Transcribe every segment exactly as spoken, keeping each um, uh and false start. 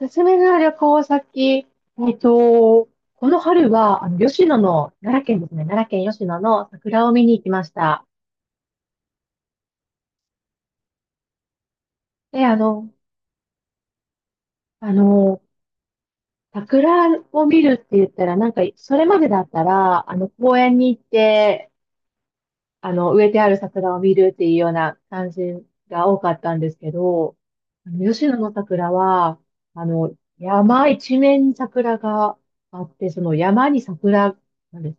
おすすめの旅行先、えっと、この春は、あの、吉野の、奈良県ですね、奈良県吉野の桜を見に行きました。で、あの、あの、桜を見るって言ったら、なんか、それまでだったら、あの、公園に行って、あの、植えてある桜を見るっていうような感じが多かったんですけど、あの、吉野の桜は、あの、山一面に桜があって、その山に桜なんです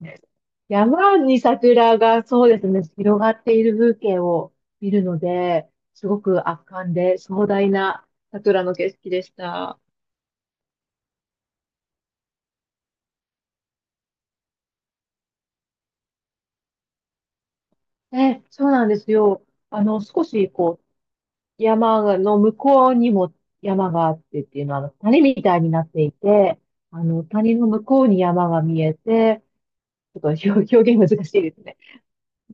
ね。山に桜がそうですね、広がっている風景を見るので、すごく圧巻で壮大な桜の景色でした。え、そうなんですよ。あの、少しこう、山の向こうにも山があってっていうのは、あの谷みたいになっていて、あの、谷の向こうに山が見えて、ちょっと表、表現難しいですね。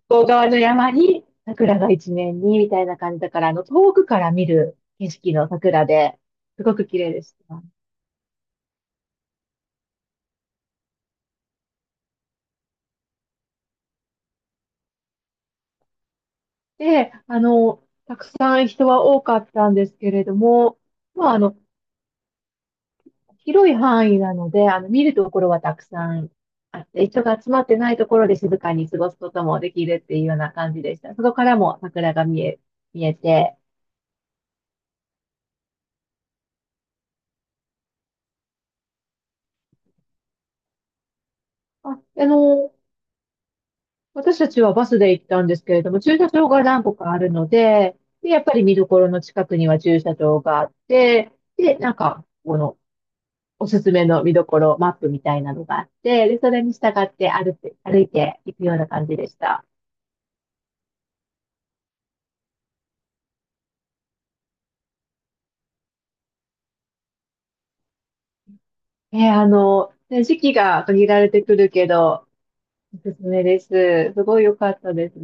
向こう側の山に桜が一面にみたいな感じだから、あの、遠くから見る景色の桜で、すごく綺麗でした。で、あの、たくさん人は多かったんですけれども、まあ、あの、広い範囲なので、あの、見るところはたくさんあって、人が集まってないところで静かに過ごすこともできるっていうような感じでした。そこからも桜が見え、見えて、あ、あの、私たちはバスで行ったんですけれども、駐車場が何個かあるので、で、やっぱり見どころの近くには駐車場があって、で、なんか、この、おすすめの見どころ、マップみたいなのがあって、で、それに従って歩って、歩いていくような感じでした。えー、あの、ね時期が限られてくるけど、おすすめです。すごい良かったです。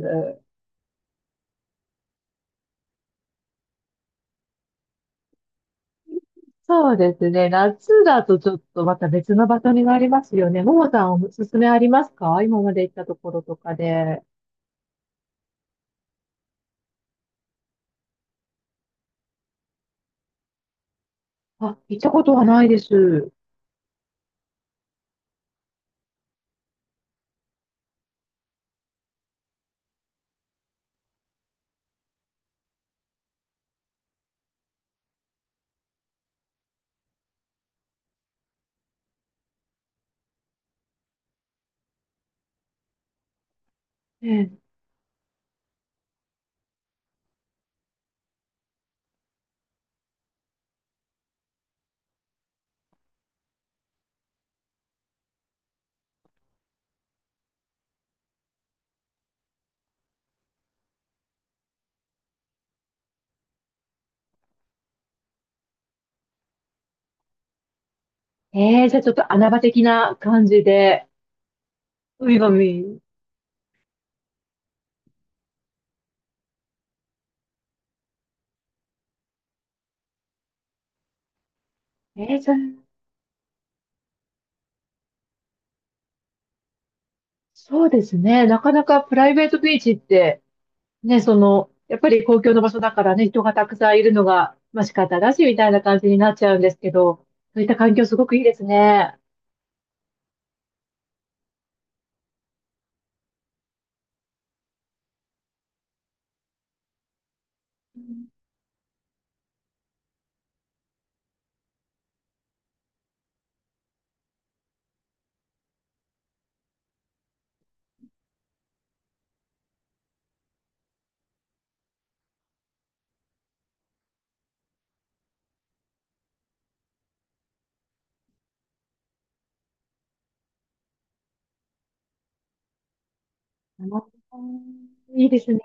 そうですね。夏だとちょっとまた別の場所になりますよね。ももさんおすすめありますか今まで行ったところとかで。あ、行ったことはないです。えええーじゃあちょっと穴場的な感じで、海が見えー、じゃあそうですね。なかなかプライベートビーチって、ね、その、やっぱり公共の場所だからね、人がたくさんいるのが、まあ仕方だし、みたいな感じになっちゃうんですけど、そういった環境すごくいいですね。うんいいですね。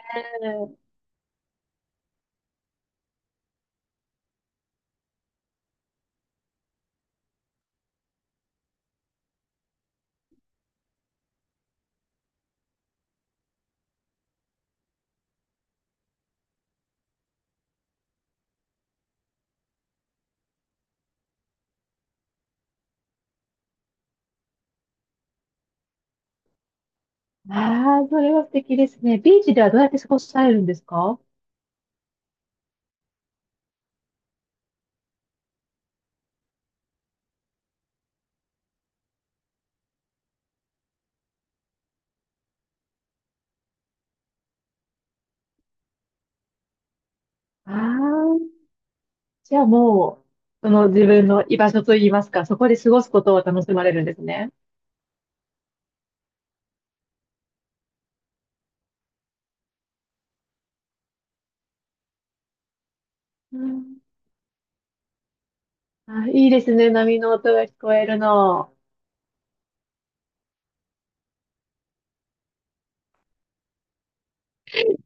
ああ、それは素敵ですね。ビーチではどうやって過ごされるんですかああー、じゃあもう、その自分の居場所といいますか、そこで過ごすことを楽しまれるんですね。うん、あ、いいですね。波の音が聞こえるの。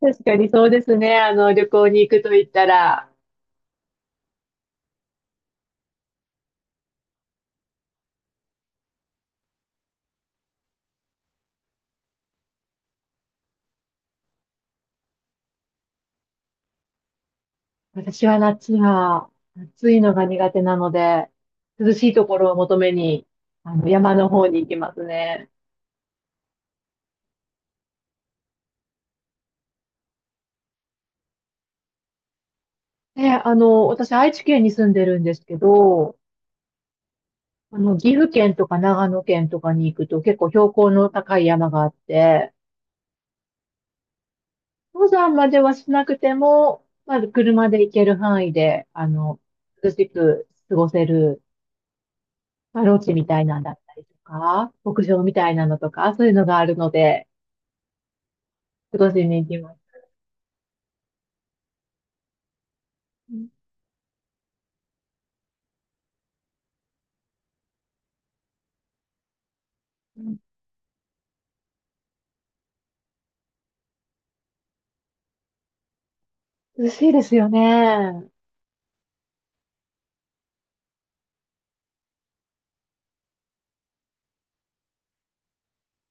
確かにそうですね。あの、旅行に行くと言ったら、私は夏は、暑いのが苦手なので、涼しいところを求めに、あの、山の方に行きますね。で、あの、私、愛知県に住んでるんですけど、あの、岐阜県とか長野県とかに行くと結構標高の高い山があって、登山まではしなくても、まあ、車で行ける範囲で、あの、涼しく過ごせるまあ、ロッジみたいなんだったりとか、牧場みたいなのとか、そういうのがあるので、今年に行きます。うんうん涼しいですよね。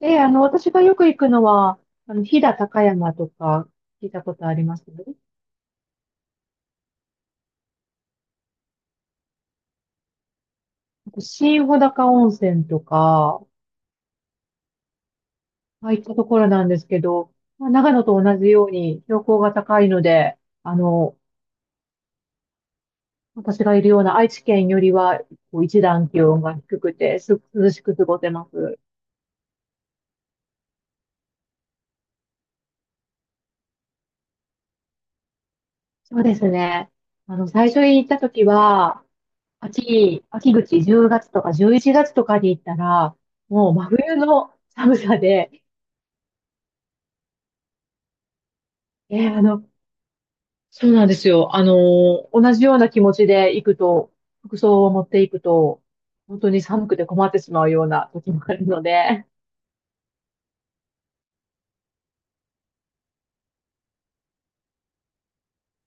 で、あの、私がよく行くのは、あの、飛騨高山とか、聞いたことありますねあと新穂高温泉とか、ああいったところなんですけど、まあ、長野と同じように標高が高いので、あの、私がいるような愛知県よりは、こう一段気温が低くて、す涼しく過ごせます。そうですね。あの、最初に行った時は、秋、秋口じゅうがつとかじゅういちがつとかに行ったら、もう真冬の寒さで、えーあの、そうなんですよ。あのー、同じような気持ちで行くと、服装を持っていくと、本当に寒くて困ってしまうような時もあるので、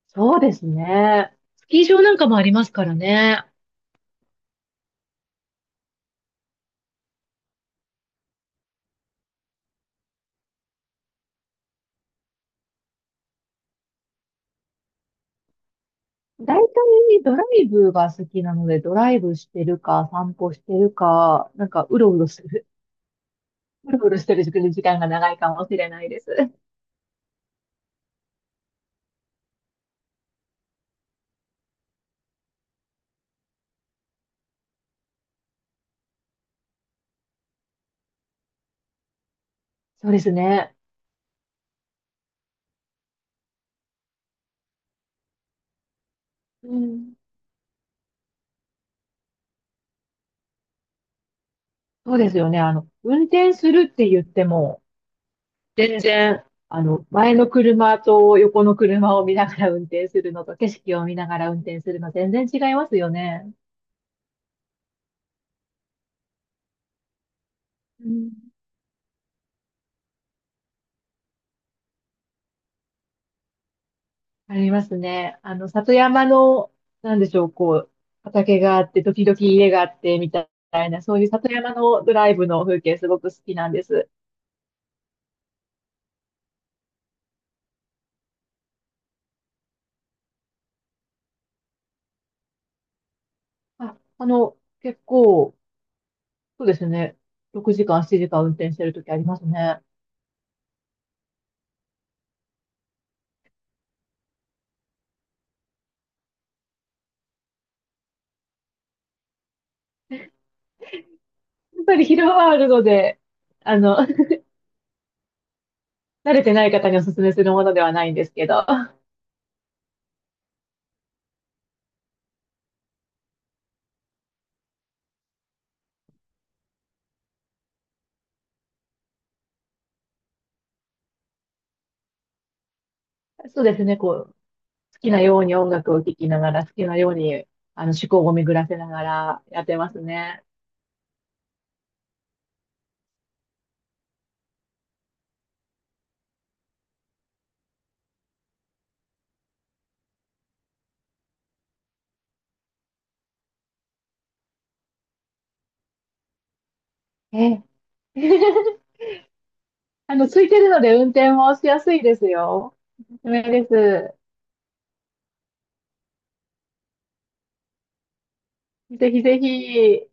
そうですね。スキー場なんかもありますからね。大体ドライブが好きなので、ドライブしてるか、散歩してるか、なんかうろうろするうろうろしてる時間が長いかもしれないです。そうですね。うん。そうですよね。あの、運転するって言っても、全然、あの、前の車と横の車を見ながら運転するのと、景色を見ながら運転するの、全然違いますよね。うん、ありますね。あの、里山の、なんでしょう、こう、畑があって、時々家があって、みたいな、そういう里山のドライブの風景、すごく好きなんです。あ、あの、結構、そうですね。ろくじかん、ななじかん運転してる時ありますね。やっぱり疲労はあるので、あの、慣れてない方にお勧めするものではないんですけど、そうですね。こう、好きなように音楽を聴きながら、好きなように、あの、思考を巡らせながらやってますね。ええ。あの、ついてるので運転もしやすいですよ。おすすめです。ぜひぜひ。